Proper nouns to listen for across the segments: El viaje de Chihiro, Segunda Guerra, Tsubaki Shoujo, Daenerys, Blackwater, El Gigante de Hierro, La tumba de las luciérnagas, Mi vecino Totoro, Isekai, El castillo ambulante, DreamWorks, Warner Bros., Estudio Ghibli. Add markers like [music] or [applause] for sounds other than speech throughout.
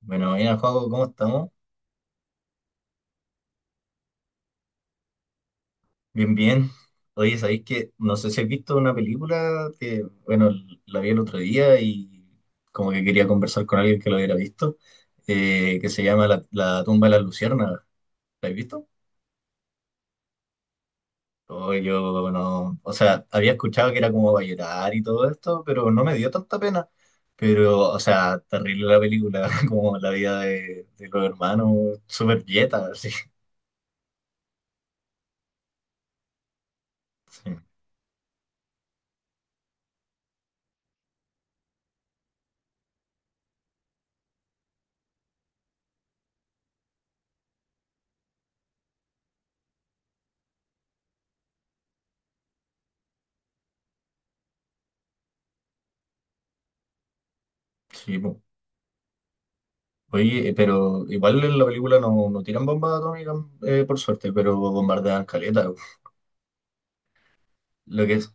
Bueno, bien, juego, ¿cómo estamos? Bien, bien. Oye, ¿sabéis que no sé si has visto una película que, bueno, la vi el otro día y como que quería conversar con alguien que lo hubiera visto, que se llama la tumba de las luciérnagas. ¿La has visto? O yo no, o sea, había escuchado que era como para llorar y todo esto, pero no me dio tanta pena. Pero, o sea, terrible la película, [laughs] como la vida de los hermanos, súper dieta, así. Sí, sí, po. Oye, pero igual en la película no, no tiran bombas atómicas, por suerte, pero bombardean caleta. Lo que es,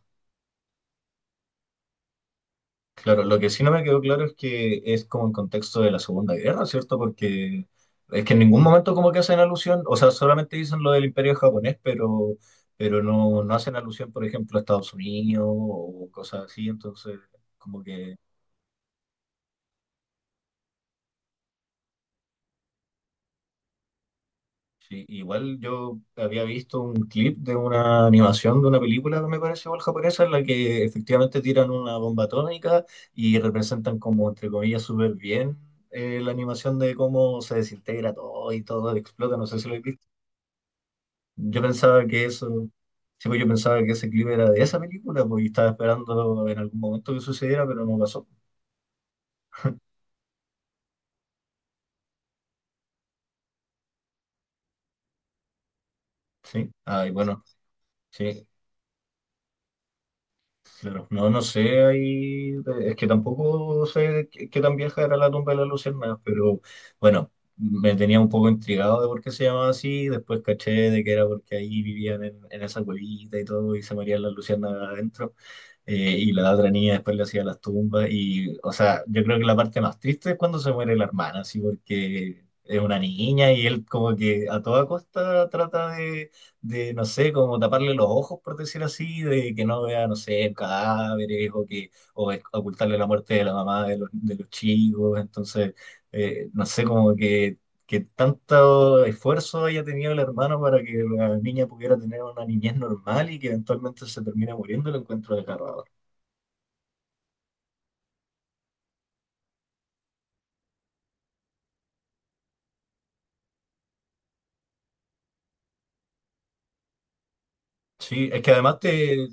claro, lo que sí no me quedó claro es que es como en contexto de la Segunda Guerra, ¿cierto? Porque es que en ningún momento como que hacen alusión, o sea, solamente dicen lo del Imperio japonés, pero no, no hacen alusión, por ejemplo, a Estados Unidos o cosas así, entonces como que. Sí, igual yo había visto un clip de una animación de una película, me parece, igual japonesa, en la que efectivamente tiran una bomba atómica y representan como, entre comillas, súper bien la animación de cómo se desintegra todo y todo explota, no sé si lo he visto. Yo pensaba que eso, sí, pues yo pensaba que ese clip era de esa película, porque estaba esperando en algún momento que sucediera, pero no pasó. Sí, ah, y bueno, sí. Claro, no, no sé, ahí, es que tampoco sé qué, qué tan vieja era La tumba de las luciérnagas, pero bueno, me tenía un poco intrigado de por qué se llamaba así, después caché de que era porque ahí vivían en esa cuevita y todo, y se morían las luciérnagas adentro y la otra niña después le hacía las tumbas y, o sea, yo creo que la parte más triste es cuando se muere la hermana, así porque es una niña y él como que a toda costa trata de, no sé, como taparle los ojos, por decir así, de que no vea, no sé, cadáveres o que o ocultarle la muerte de la mamá de los chicos, entonces, no sé, como que tanto esfuerzo haya tenido el hermano para que la niña pudiera tener una niñez normal y que eventualmente se termine muriendo, lo encuentro desgarrador. Sí, es que además te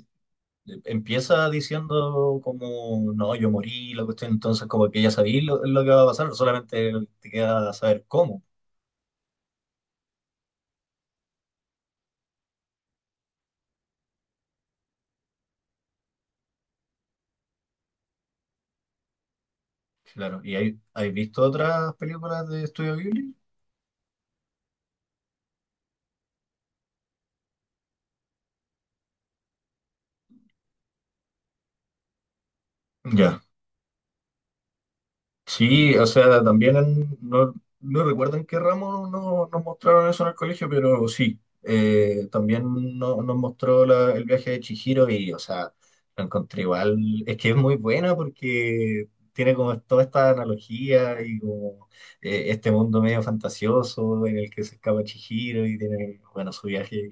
empieza diciendo como, no, yo morí, la cuestión, entonces como que ya sabéis lo que va a pasar, solamente te queda saber cómo, claro. ¿Y hay visto otras películas de Estudio Ghibli? Ya. Sí, o sea, también no, no recuerdo en qué ramo nos mostraron eso en el colegio, pero sí, también nos mostró el viaje de Chihiro y, o sea, lo encontré igual. Es que es muy buena porque tiene como toda esta analogía y como este mundo medio fantasioso en el que se escapa Chihiro y tiene, bueno, su viaje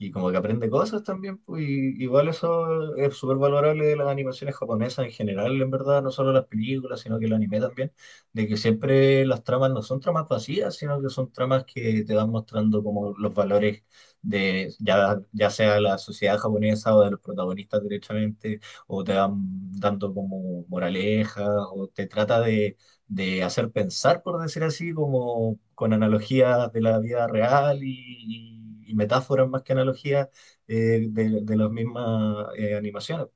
y como que aprende cosas también, pues, y igual eso es súper valorable de las animaciones japonesas en general, en verdad, no solo las películas, sino que el anime también, de que siempre las tramas no son tramas vacías, sino que son tramas que te van mostrando como los valores de ya, ya sea la sociedad japonesa o de los protagonistas directamente, o te van dando como moralejas, o te trata de hacer pensar, por decir así, como con analogías de la vida real y, y metáforas más que analogías de las mismas animaciones.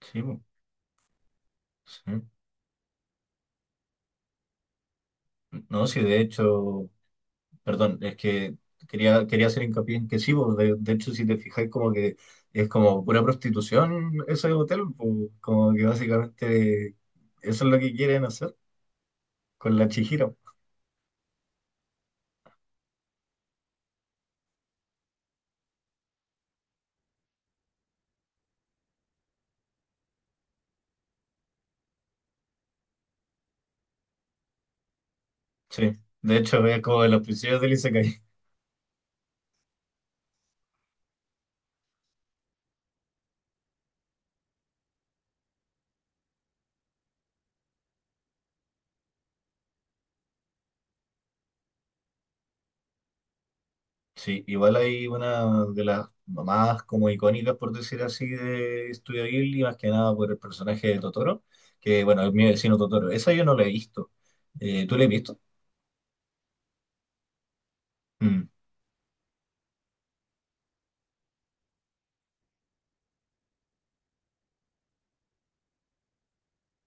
Sí, po, sí. No, sí, de hecho, perdón, es que quería, quería hacer hincapié en que sí, po, de hecho, si te fijáis, como que es como pura prostitución ese hotel, po, como que básicamente eso es lo que quieren hacer con la Chihiro. Sí, de hecho, es como de los principios del Isekai. Sí, igual hay una de las más como icónicas, por decir así, de Studio Ghibli, más que nada por el personaje de Totoro, que bueno, es Mi vecino Totoro. Esa yo no la he visto. ¿Tú la has visto? Mm,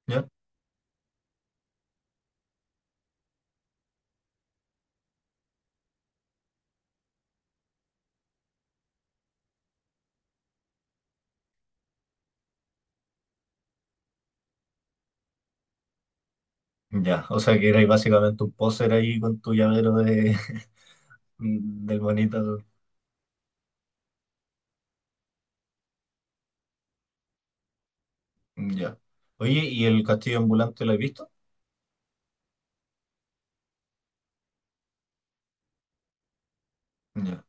¿ya? Ya, o sea que eres básicamente un póster ahí con tu llavero de, [laughs] del bonito. Ya. Oye, ¿y El castillo ambulante lo has visto? Ya.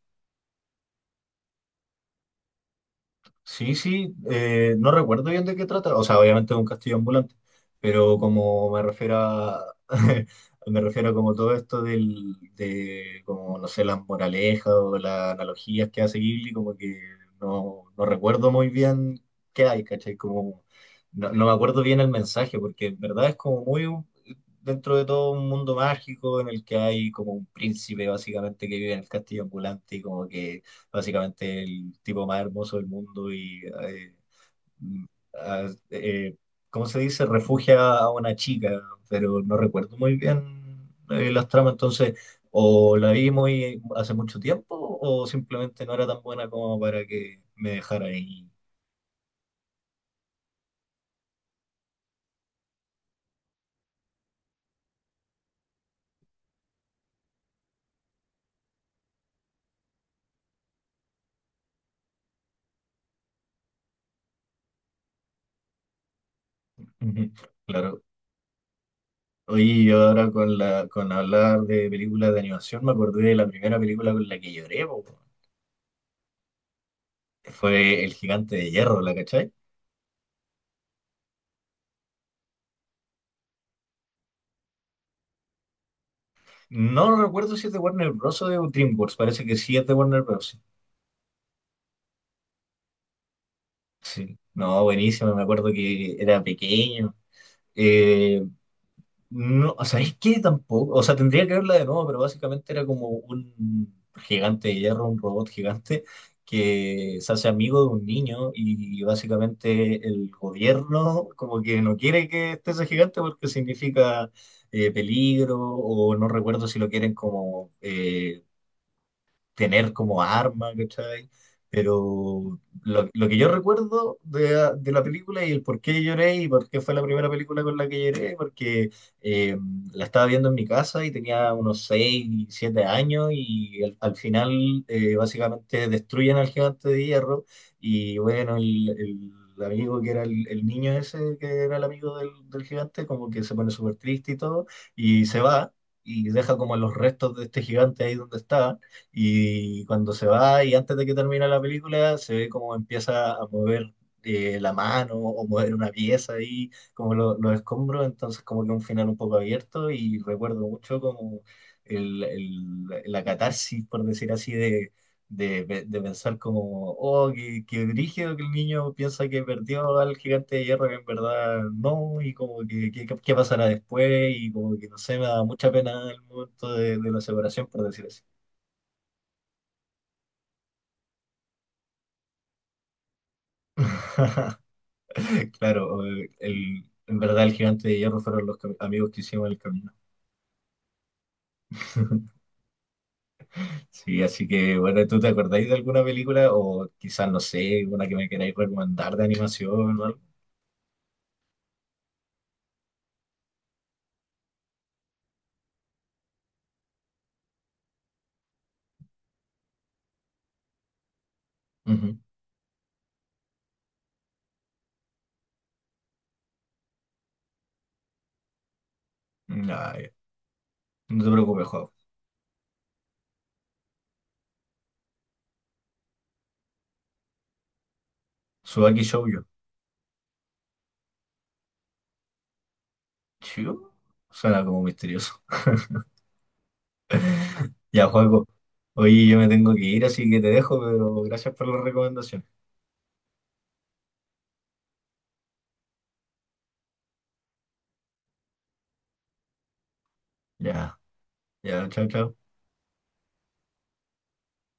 Sí, sí, no recuerdo bien de qué trata, o sea, obviamente es un castillo ambulante, pero como me refiero a, [laughs] me refiero a como todo esto del, de, como, no sé, las moralejas o las analogías que hace Ghibli, como que no, no recuerdo muy bien qué hay, ¿cachai? Como, no, no me acuerdo bien el mensaje, porque en verdad es como muy, dentro de todo un mundo mágico en el que hay como un príncipe básicamente que vive en el castillo ambulante y como que básicamente el tipo más hermoso del mundo y, a- eh, ¿cómo se dice? Refugia a una chica, pero no recuerdo muy bien las tramas, entonces o la vi muy hace mucho tiempo o simplemente no era tan buena como para que me dejara ahí. Ujú, claro. Oye, y ahora con la, con hablar de películas de animación, me acordé de la primera película con la que lloré, po. Fue El gigante de hierro, ¿la cachai? No, no recuerdo si es de Warner Bros. O de DreamWorks, parece que sí es de Warner Bros. Sí, no, buenísimo, me acuerdo que era pequeño. Eh, no, o sea, es que tampoco, o sea, tendría que verla de nuevo, pero básicamente era como un gigante de hierro, un robot gigante que se hace amigo de un niño y básicamente el gobierno como que no quiere que esté ese gigante porque significa peligro o no recuerdo si lo quieren como... tener como arma, ¿cachai? Pero lo que yo recuerdo de, ah, de la película y el por qué lloré y por qué fue la primera película con la que lloré, porque eh, la estaba viendo en mi casa y tenía unos 6 7 años y al, al final básicamente destruyen al gigante de hierro y bueno, el amigo que era el niño ese, que era el amigo del, del gigante, como que se pone súper triste y todo y se va y deja como los restos de este gigante ahí donde estaba. Y cuando se va y antes de que termine la película, se ve como empieza a mover la mano o mover una pieza ahí, como los escombros, entonces como que un final un poco abierto y recuerdo mucho como el, la catarsis, por decir así, de, de pensar como, oh, qué, qué brígido que el niño piensa que perdió al gigante de hierro, que en verdad no, y como que qué qué pasará después, y como que no sé, me da mucha pena el momento de la separación, por decir así. [laughs] Claro, el, en verdad el gigante de hierro fueron los amigos que hicimos en el camino. [laughs] Sí, así que bueno, ¿tú te acordáis de alguna película o quizás, no sé, una que me queráis recomendar de animación o algo? Ujú. Ay, no te preocupes, Juan. Tsubaki Shoujo. ¿Shoujo? Suena como misterioso. [laughs] Ya, Juaco. Oye, yo me tengo que ir, así que te dejo, pero gracias por la recomendación. Ya, ya, chao, chao.